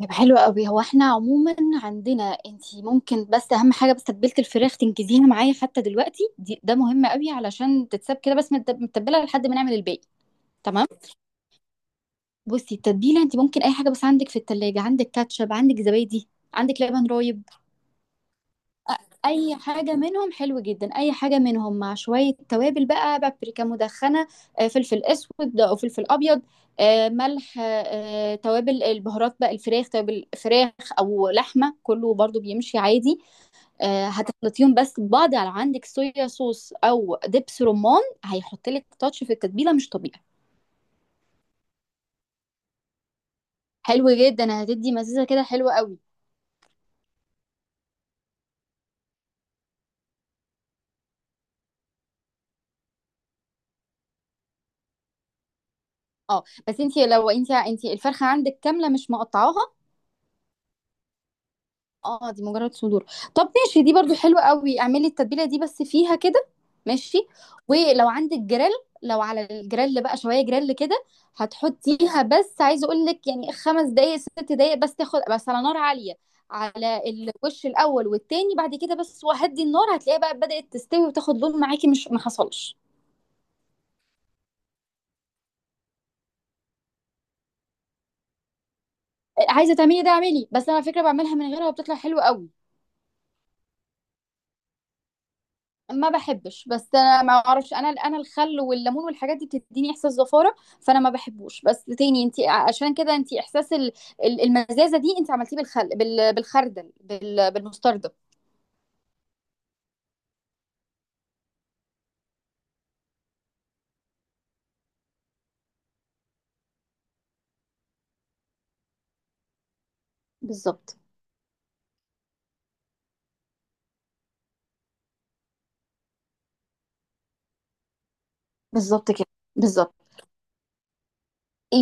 طب حلو قوي. هو احنا عموما عندنا، انتي ممكن بس اهم حاجه، بس تتبيله الفراخ تنجزيها معايا حتى دلوقتي دي، ده مهم قوي علشان تتساب كده بس متبله لحد ما نعمل الباقي. تمام، بصي التتبيله انتي ممكن اي حاجه، بس عندك في التلاجة، عندك كاتشب، عندك زبادي، عندك لبن رايب. اي حاجه منهم حلو جدا. اي حاجه منهم مع شويه توابل بقى، بابريكا مدخنه، فلفل اسود او فلفل ابيض، ملح، توابل البهارات بقى، الفراخ توابل فراخ او لحمه كله برضو بيمشي عادي. هتخلطيهم بس ببعض. على، عندك صويا صوص او دبس رمان، هيحط لك تاتش في التتبيله مش طبيعي. حلو جدا، هتدي مزازه كده حلوه قوي. اه بس انت، لو انت الفرخه عندك كامله مش مقطعاها. اه دي مجرد صدور. طب ماشي، دي برضو حلوة قوي، اعملي التتبيلة دي بس فيها كده. ماشي. ولو عندك جريل، لو على الجريل بقى شوية جريل كده هتحطيها. بس عايزة اقول لك يعني 5 دقايق 6 دقايق بس تاخد، بس على نار عالية على الوش الاول والتاني، بعد كده بس وهدي النار هتلاقيها بقى بدأت تستوي وتاخد لون معاكي، مش ما حصلش. عايزة تعملي ده اعملي، بس انا على فكرة بعملها من غيرها وبتطلع حلوة قوي. ما بحبش، بس انا ما اعرفش، انا الخل والليمون والحاجات دي بتديني احساس زفاره، فانا ما بحبوش. بس تاني انت عشان كده انت احساس المزازه دي انت عملتيه بالخل، بالخردل، بالمستردة. بالظبط. بالظبط كده، بالظبط.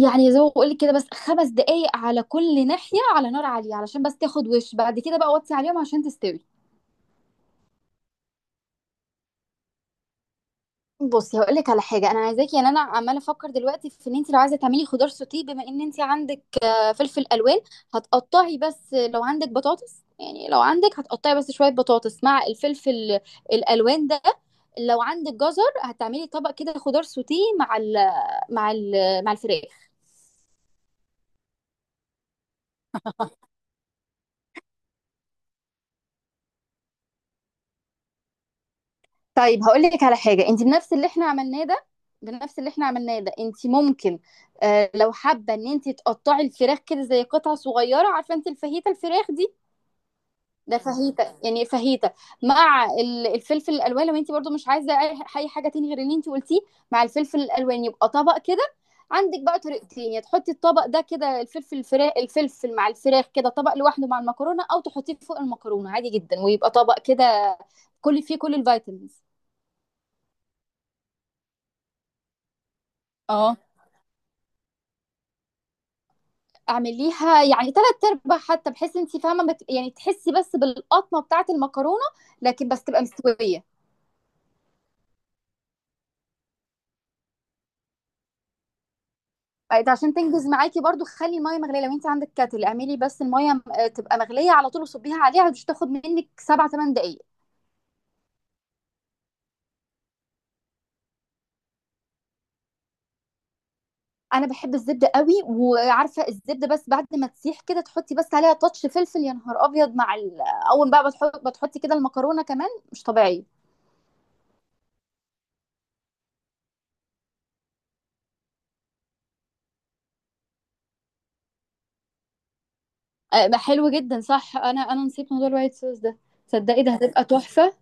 يعني زي ما بقول لك كده، بس خمس دقايق على كل ناحيه على نار عاليه علشان بس تاخد وش، بعد كده بقى وطي عليهم عشان تستوي. بصي هقول لك على حاجه، انا عايزاكي يعني، انا عماله افكر دلوقتي في ان انت لو عايزه تعملي خضار سوتيه، بما ان انت عندك فلفل الوان، هتقطعي بس لو عندك بطاطس، يعني لو عندك، هتقطعي بس شويه بطاطس مع الفلفل الالوان ده. لو عندك جزر هتعملي طبق كده خضار سوتيه مع ال مع ال مع الفراخ. طيب هقول لك على حاجه، انت بنفس اللي احنا عملناه ده، انت ممكن لو حابه ان انت تقطعي الفراخ كده زي قطع صغيره، عارفه انت الفاهيتا الفراخ دي، ده فاهيتا، يعني فاهيتا مع الفلفل الالوان، لو انت برضو مش عايزه أي حاجه تاني غير اللي انت قلتيه، مع الفلفل الالوان يبقى طبق كده. عندك بقى طريقتين، يا تحطي الطبق ده كده، الفلفل، الفراخ، الفلفل مع الفراخ كده طبق لوحده مع المكرونه، او تحطيه فوق المكرونه عادي جدا ويبقى طبق كده كل فيه كل الفيتامينز. اه اعمليها يعني تلات ارباع، حتى بحيث انت فاهمه ما ت- يعني تحسي بس بالقطمه بتاعه المكرونه، لكن بس تبقى مستويه. أنت عشان تنجز معاكي برضو، خلي الميه مغليه، لو انت عندك كاتل اعملي بس الميه م- آه، تبقى مغليه على طول وصبيها عليها، مش تاخد منك 7 8 دقائق. انا بحب الزبده قوي، وعارفه الزبده بس بعد ما تسيح كده تحطي بس عليها تاتش فلفل، يا نهار ابيض مع ال... آه، اول بقى بتحطي كده المكرونه، كمان مش طبيعي. حلو جدا، صح، انا نسيت موضوع الوايت صوص ده، تصدقي ده هتبقى تحفه.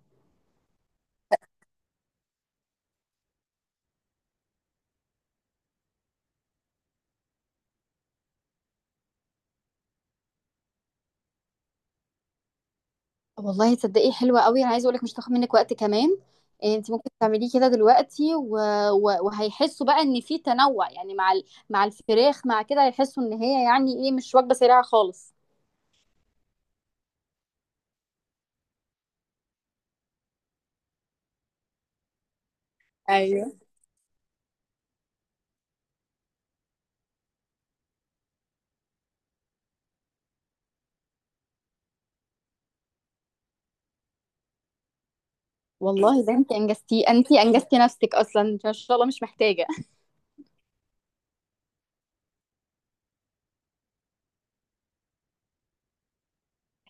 والله تصدقي حلوة قوي، انا عايزة اقولك مش هتاخد منك وقت كمان. انت ممكن تعمليه كده دلوقتي وهيحسوا بقى ان في تنوع، يعني مع مع الفراخ، مع كده هيحسوا ان هي، يعني ايه، مش وجبة سريعة خالص. ايوه. والله ده انت انجزتي، انت انجزتي نفسك اصلا، انت ما شاء الله مش محتاجة.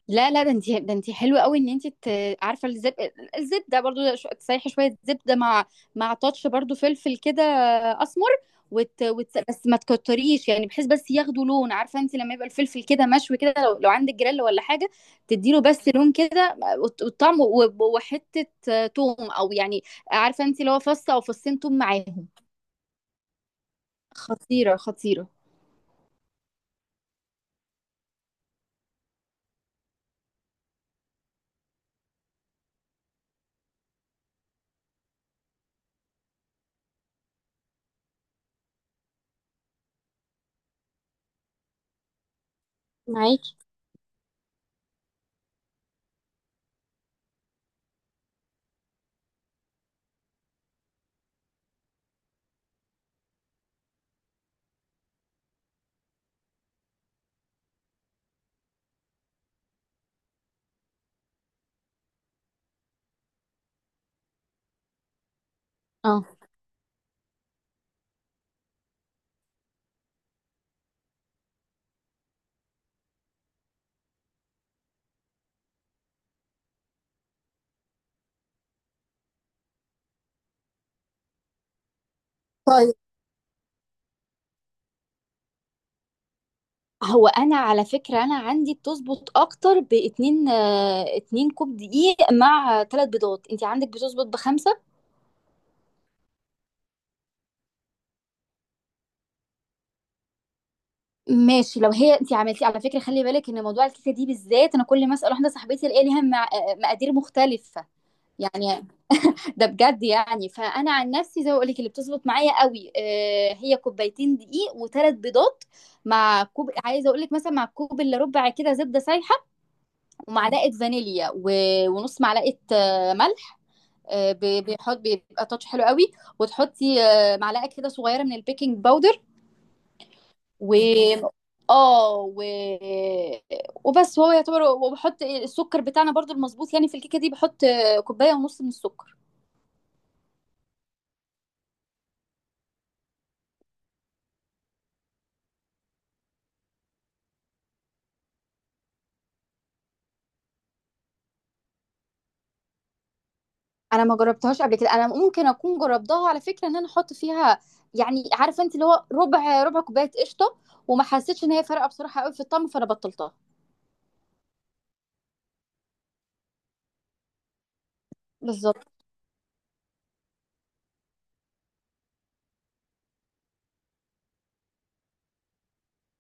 لا لا، ده انت، ده انت حلوه قوي ان عارفه الزب، الزبده برضو تسيحي شويه زبده مع، مع تاتش برضو فلفل كده اسمر، بس ما تكتريش، يعني بحيث بس ياخدوا لون، عارفه انت لما يبقى الفلفل كده مشوي كده، لو عندك جريل ولا حاجه تديله بس لون كده والطعم، وحته توم او يعني، عارفه انت اللي هو فص او فصين توم معاهم، خطيره خطيره. معاكي. اه. طيب، هو انا على فكره انا عندي بتظبط اكتر باتنين، 2 كوب دقيق مع 3 بيضات، انت عندك بتظبط بخمسه. ماشي لو هي انت عملتي، على فكره خلي بالك ان موضوع الكيكه دي بالذات، انا كل ما اسال واحده صاحبتي الاقي ليها مقادير مختلفه يعني، ده بجد يعني. فانا عن نفسي زي ما بقول لك، اللي بتظبط معايا قوي هي كوبايتين دقيق و3 بيضات، مع كوب عايزه اقول لك، مثلا مع كوب الا ربع كده زبده سايحه، ومعلقه فانيليا، ونص معلقه ملح، آه، بي- بيحط بيبقى تاتش حلو قوي، وتحطي معلقه كده صغيره من البيكنج باودر، و، اه وبس، هو يعتبر. وبحط السكر بتاعنا برضو المظبوط، يعني في الكيكه دي بحط كوبايه ونص من السكر. انا ما جربتهاش قبل كده، انا ممكن اكون جربتها على فكره، ان انا احط فيها يعني، عارفه انت اللي هو ربع كوبايه قشطه، وما حسيتش ان هي فارقه بصراحه قوي في الطعم فانا بطلتها. بالظبط.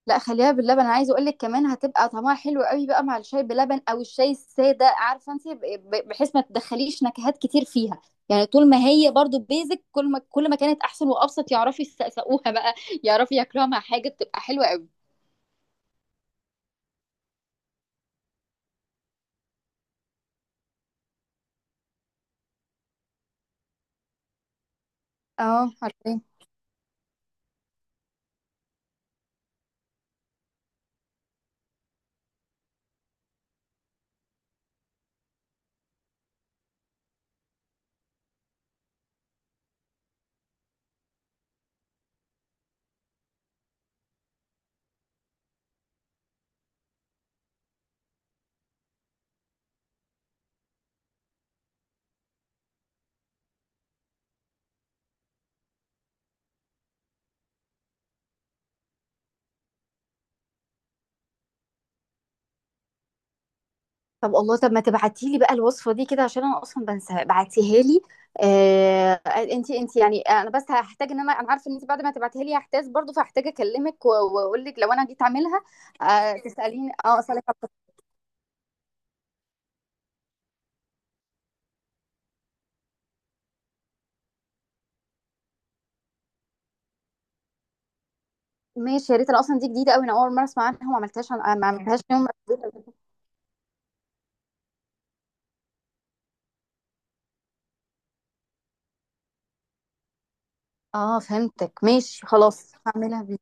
لا خليها باللبن، انا عايزه اقول لك كمان هتبقى طعمها حلو قوي بقى مع الشاي بلبن او الشاي الساده، عارفه انت بحيث ما تدخليش نكهات كتير فيها، يعني طول ما هي برضو بيزك، كل ما كانت احسن وابسط يعرفوا يسقسقوها بقى، يعرفوا ياكلوها مع حاجه بتبقى حلوه قوي. اه عارفين. طب الله، طب ما تبعتي لي بقى الوصفه دي كده، عشان انا اصلا بنساها، بعتيها لي. آه، انت يعني، انا بس هحتاج ان انا عارفه، ان انت بعد ما تبعتيها لي هحتاج برضو، فهحتاج اكلمك واقول لك لو انا جيت اعملها. آه تساليني، اه اسالك. ماشي يا ريت، أنا اصلا دي جديده قوي، انا اول مره اسمع عنها وما عملتهاش، ما عملتهاش يوم. اه فهمتك، ماشي خلاص هعملها بيه.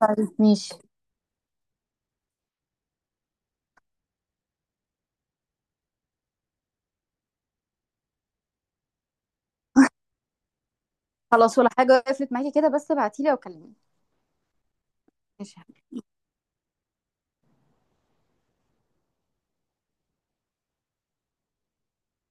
طيب ماشي. خلاص ولا حاجه، قفلت معاكي كده، بس ابعتيلي او كلميني. ماشي.